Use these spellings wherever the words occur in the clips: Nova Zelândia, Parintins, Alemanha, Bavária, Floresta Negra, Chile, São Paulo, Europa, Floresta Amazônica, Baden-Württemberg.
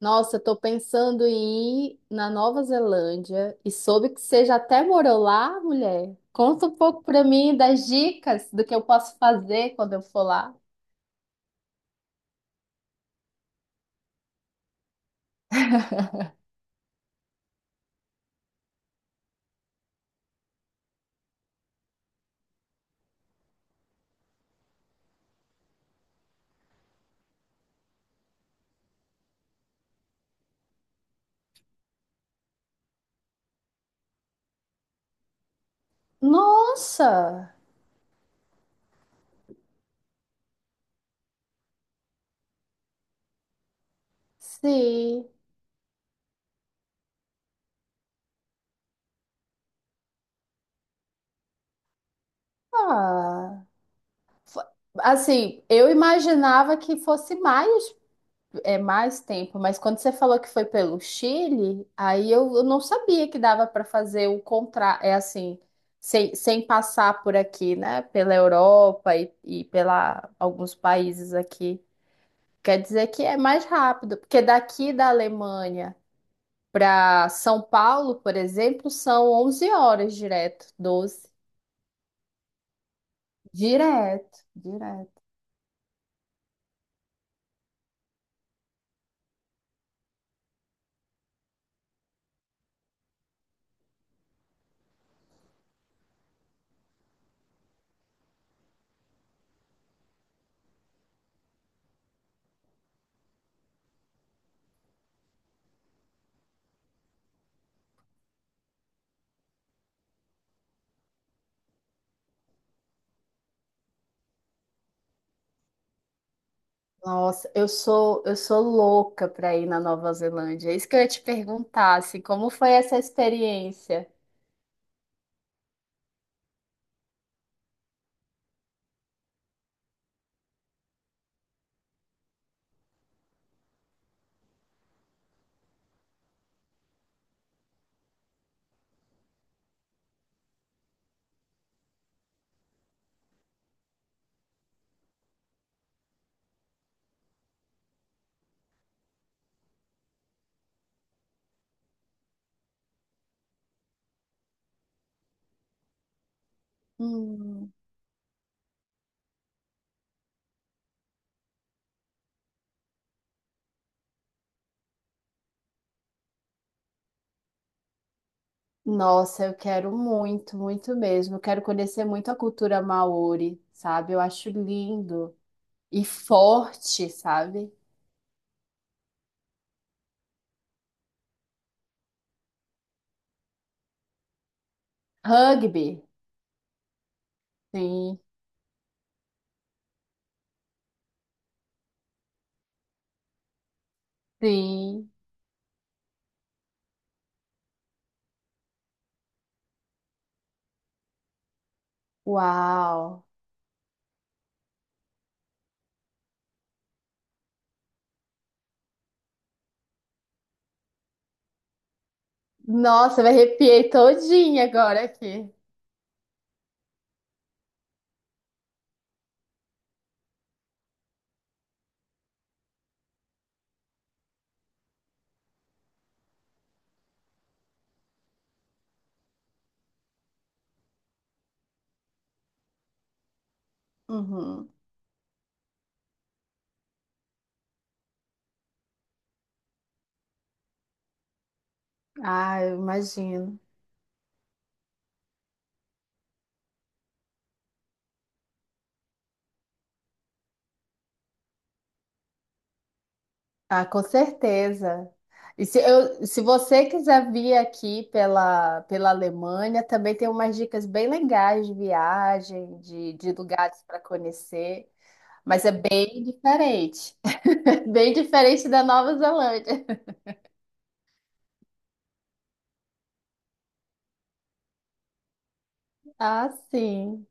Nossa, eu tô pensando em ir na Nova Zelândia e soube que você já até morou lá, mulher. Conta um pouco pra mim das dicas do que eu posso fazer quando eu for lá. Nossa, sim. Ah, assim, eu imaginava que fosse mais. É mais tempo, mas quando você falou que foi pelo Chile, aí eu não sabia que dava para fazer o contra, é assim, sem passar por aqui, né? Pela Europa e pela alguns países aqui. Quer dizer que é mais rápido, porque daqui da Alemanha para São Paulo, por exemplo, são 11 horas direto, 12. Direto, direto. Nossa, eu sou louca para ir na Nova Zelândia. É isso que eu ia te perguntar, assim, como foi essa experiência? Hum. Nossa, eu quero muito, muito mesmo. Eu quero conhecer muito a cultura maori, sabe? Eu acho lindo e forte, sabe? Rugby. Sim, sim. Uau. Nossa, eu me arrepiei todinha agora aqui. Uhum. Ah, eu imagino. Ah, com certeza. E se, eu, se você quiser vir aqui pela Alemanha, também tem umas dicas bem legais de viagem, de lugares para conhecer, mas é bem diferente, bem diferente da Nova Zelândia. Ah, sim.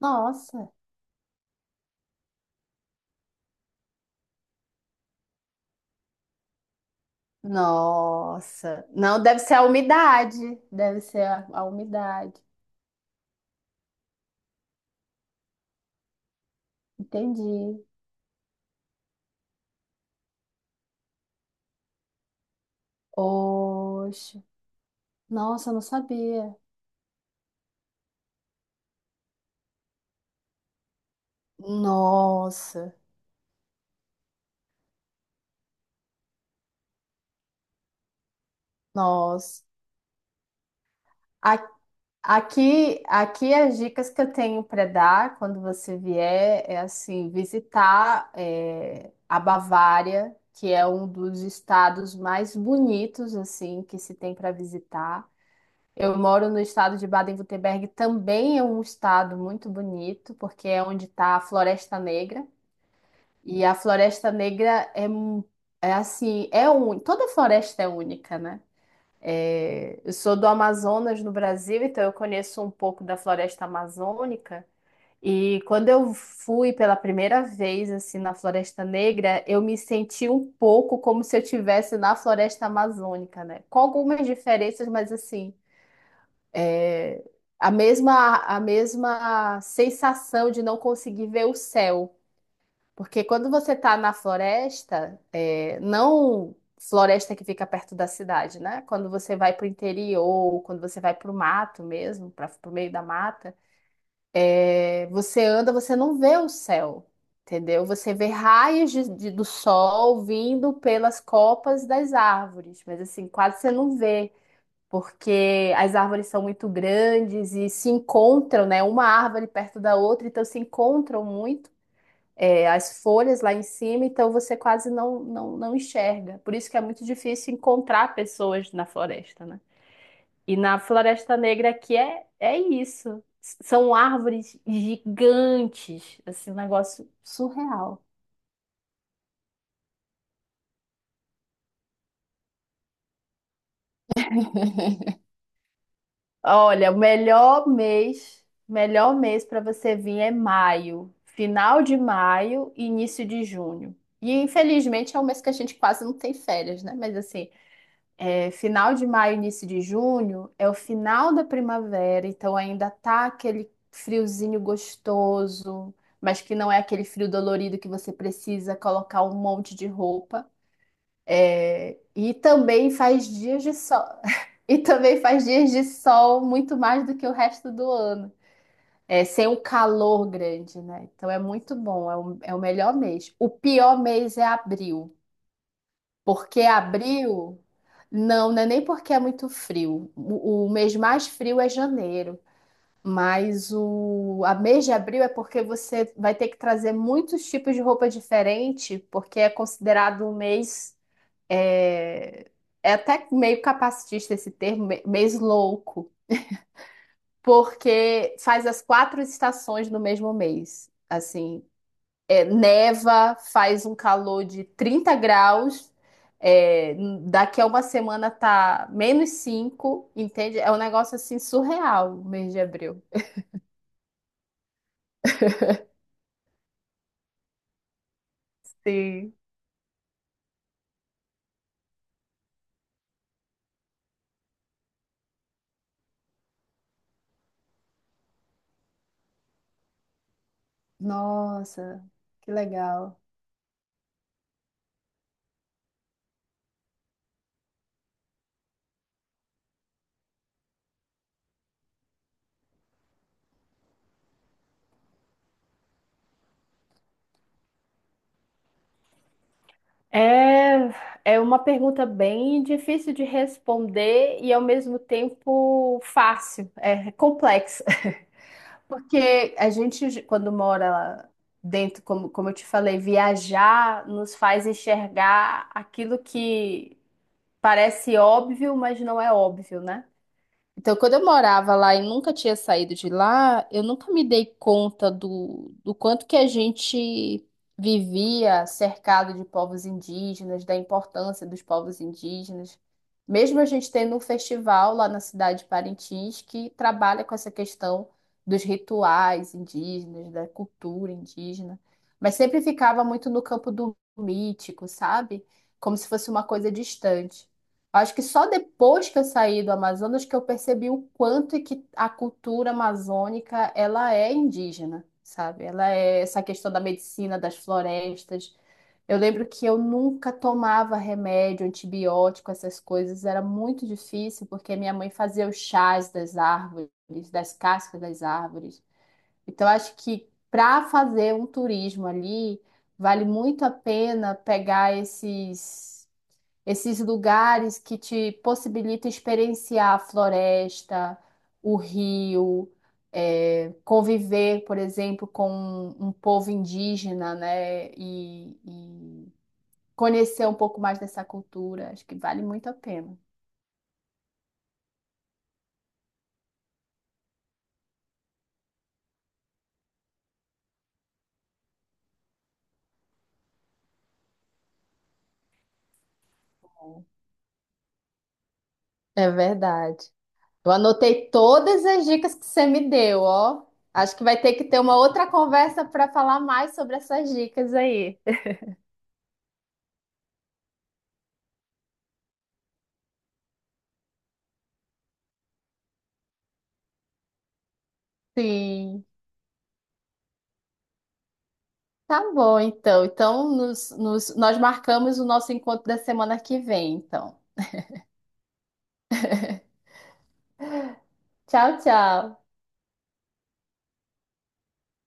Nossa. Nossa. Não, deve ser a umidade. Deve ser a umidade. Entendi. Oxe. Nossa, eu não sabia. Nossa. Nossa. A- aqui, as dicas que eu tenho para dar quando você vier é assim, visitar é, a Bavária, que é um dos estados mais bonitos assim que se tem para visitar. Eu moro no estado de Baden-Württemberg, também é um estado muito bonito, porque é onde está a Floresta Negra. E a Floresta Negra é assim, é única. Toda floresta é única, né? É, eu sou do Amazonas, no Brasil, então eu conheço um pouco da floresta amazônica. E quando eu fui pela primeira vez assim na Floresta Negra, eu me senti um pouco como se eu estivesse na Floresta Amazônica, né? Com algumas diferenças, mas assim, é, a mesma sensação de não conseguir ver o céu. Porque quando você está na floresta, é, não floresta que fica perto da cidade, né? Quando você vai para o interior, quando você vai para o mato mesmo, para o meio da mata, é, você anda, você não vê o céu, entendeu? Você vê raios do sol vindo pelas copas das árvores, mas assim, quase você não vê. Porque as árvores são muito grandes e se encontram, né? Uma árvore perto da outra, então se encontram muito é, as folhas lá em cima, então você quase não enxerga. Por isso que é muito difícil encontrar pessoas na floresta, né? E na Floresta Negra aqui é, é isso. São árvores gigantes, assim, um negócio surreal. Olha, o melhor mês para você vir é maio, final de maio e início de junho. E infelizmente é um mês que a gente quase não tem férias, né? Mas assim, é, final de maio, início de junho é o final da primavera, então ainda tá aquele friozinho gostoso, mas que não é aquele frio dolorido que você precisa colocar um monte de roupa. É, e também faz dias de sol. E também faz dias de sol muito mais do que o resto do ano. É, sem o calor grande, né? Então é muito bom, é o, é o melhor mês. O pior mês é abril. Porque abril, não é nem porque é muito frio. O mês mais frio é janeiro, mas o a mês de abril é porque você vai ter que trazer muitos tipos de roupa diferente, porque é considerado um mês é, é até meio capacitista esse termo, mês louco, porque faz as quatro estações no mesmo mês. Assim, é, neva, faz um calor de 30 graus, é, daqui a uma semana tá -5, entende? É um negócio assim surreal, o mês de abril. Sim. Nossa, que legal. É, é uma pergunta bem difícil de responder e ao mesmo tempo fácil, é complexa. Porque a gente, quando mora lá dentro, como, como eu te falei, viajar nos faz enxergar aquilo que parece óbvio, mas não é óbvio, né? Então, quando eu morava lá e nunca tinha saído de lá, eu nunca me dei conta do quanto que a gente vivia cercado de povos indígenas, da importância dos povos indígenas. Mesmo a gente tendo um festival lá na cidade de Parintins que trabalha com essa questão dos rituais indígenas, da cultura indígena, mas sempre ficava muito no campo do mítico, sabe? Como se fosse uma coisa distante. Acho que só depois que eu saí do Amazonas que eu percebi o quanto é que a cultura amazônica ela é indígena, sabe? Ela é essa questão da medicina das florestas. Eu lembro que eu nunca tomava remédio, antibiótico, essas coisas. Era muito difícil porque minha mãe fazia os chás das árvores, das cascas das árvores. Então acho que para fazer um turismo ali vale muito a pena pegar esses lugares que te possibilitam experienciar a floresta, o rio, é, conviver, por exemplo, com um povo indígena, né? E conhecer um pouco mais dessa cultura. Acho que vale muito a pena. É verdade. Eu anotei todas as dicas que você me deu, ó. Acho que vai ter que ter uma outra conversa para falar mais sobre essas dicas aí. Sim. Tá bom, então. Então, nós marcamos o nosso encontro da semana que vem, então. Tchau, tchau.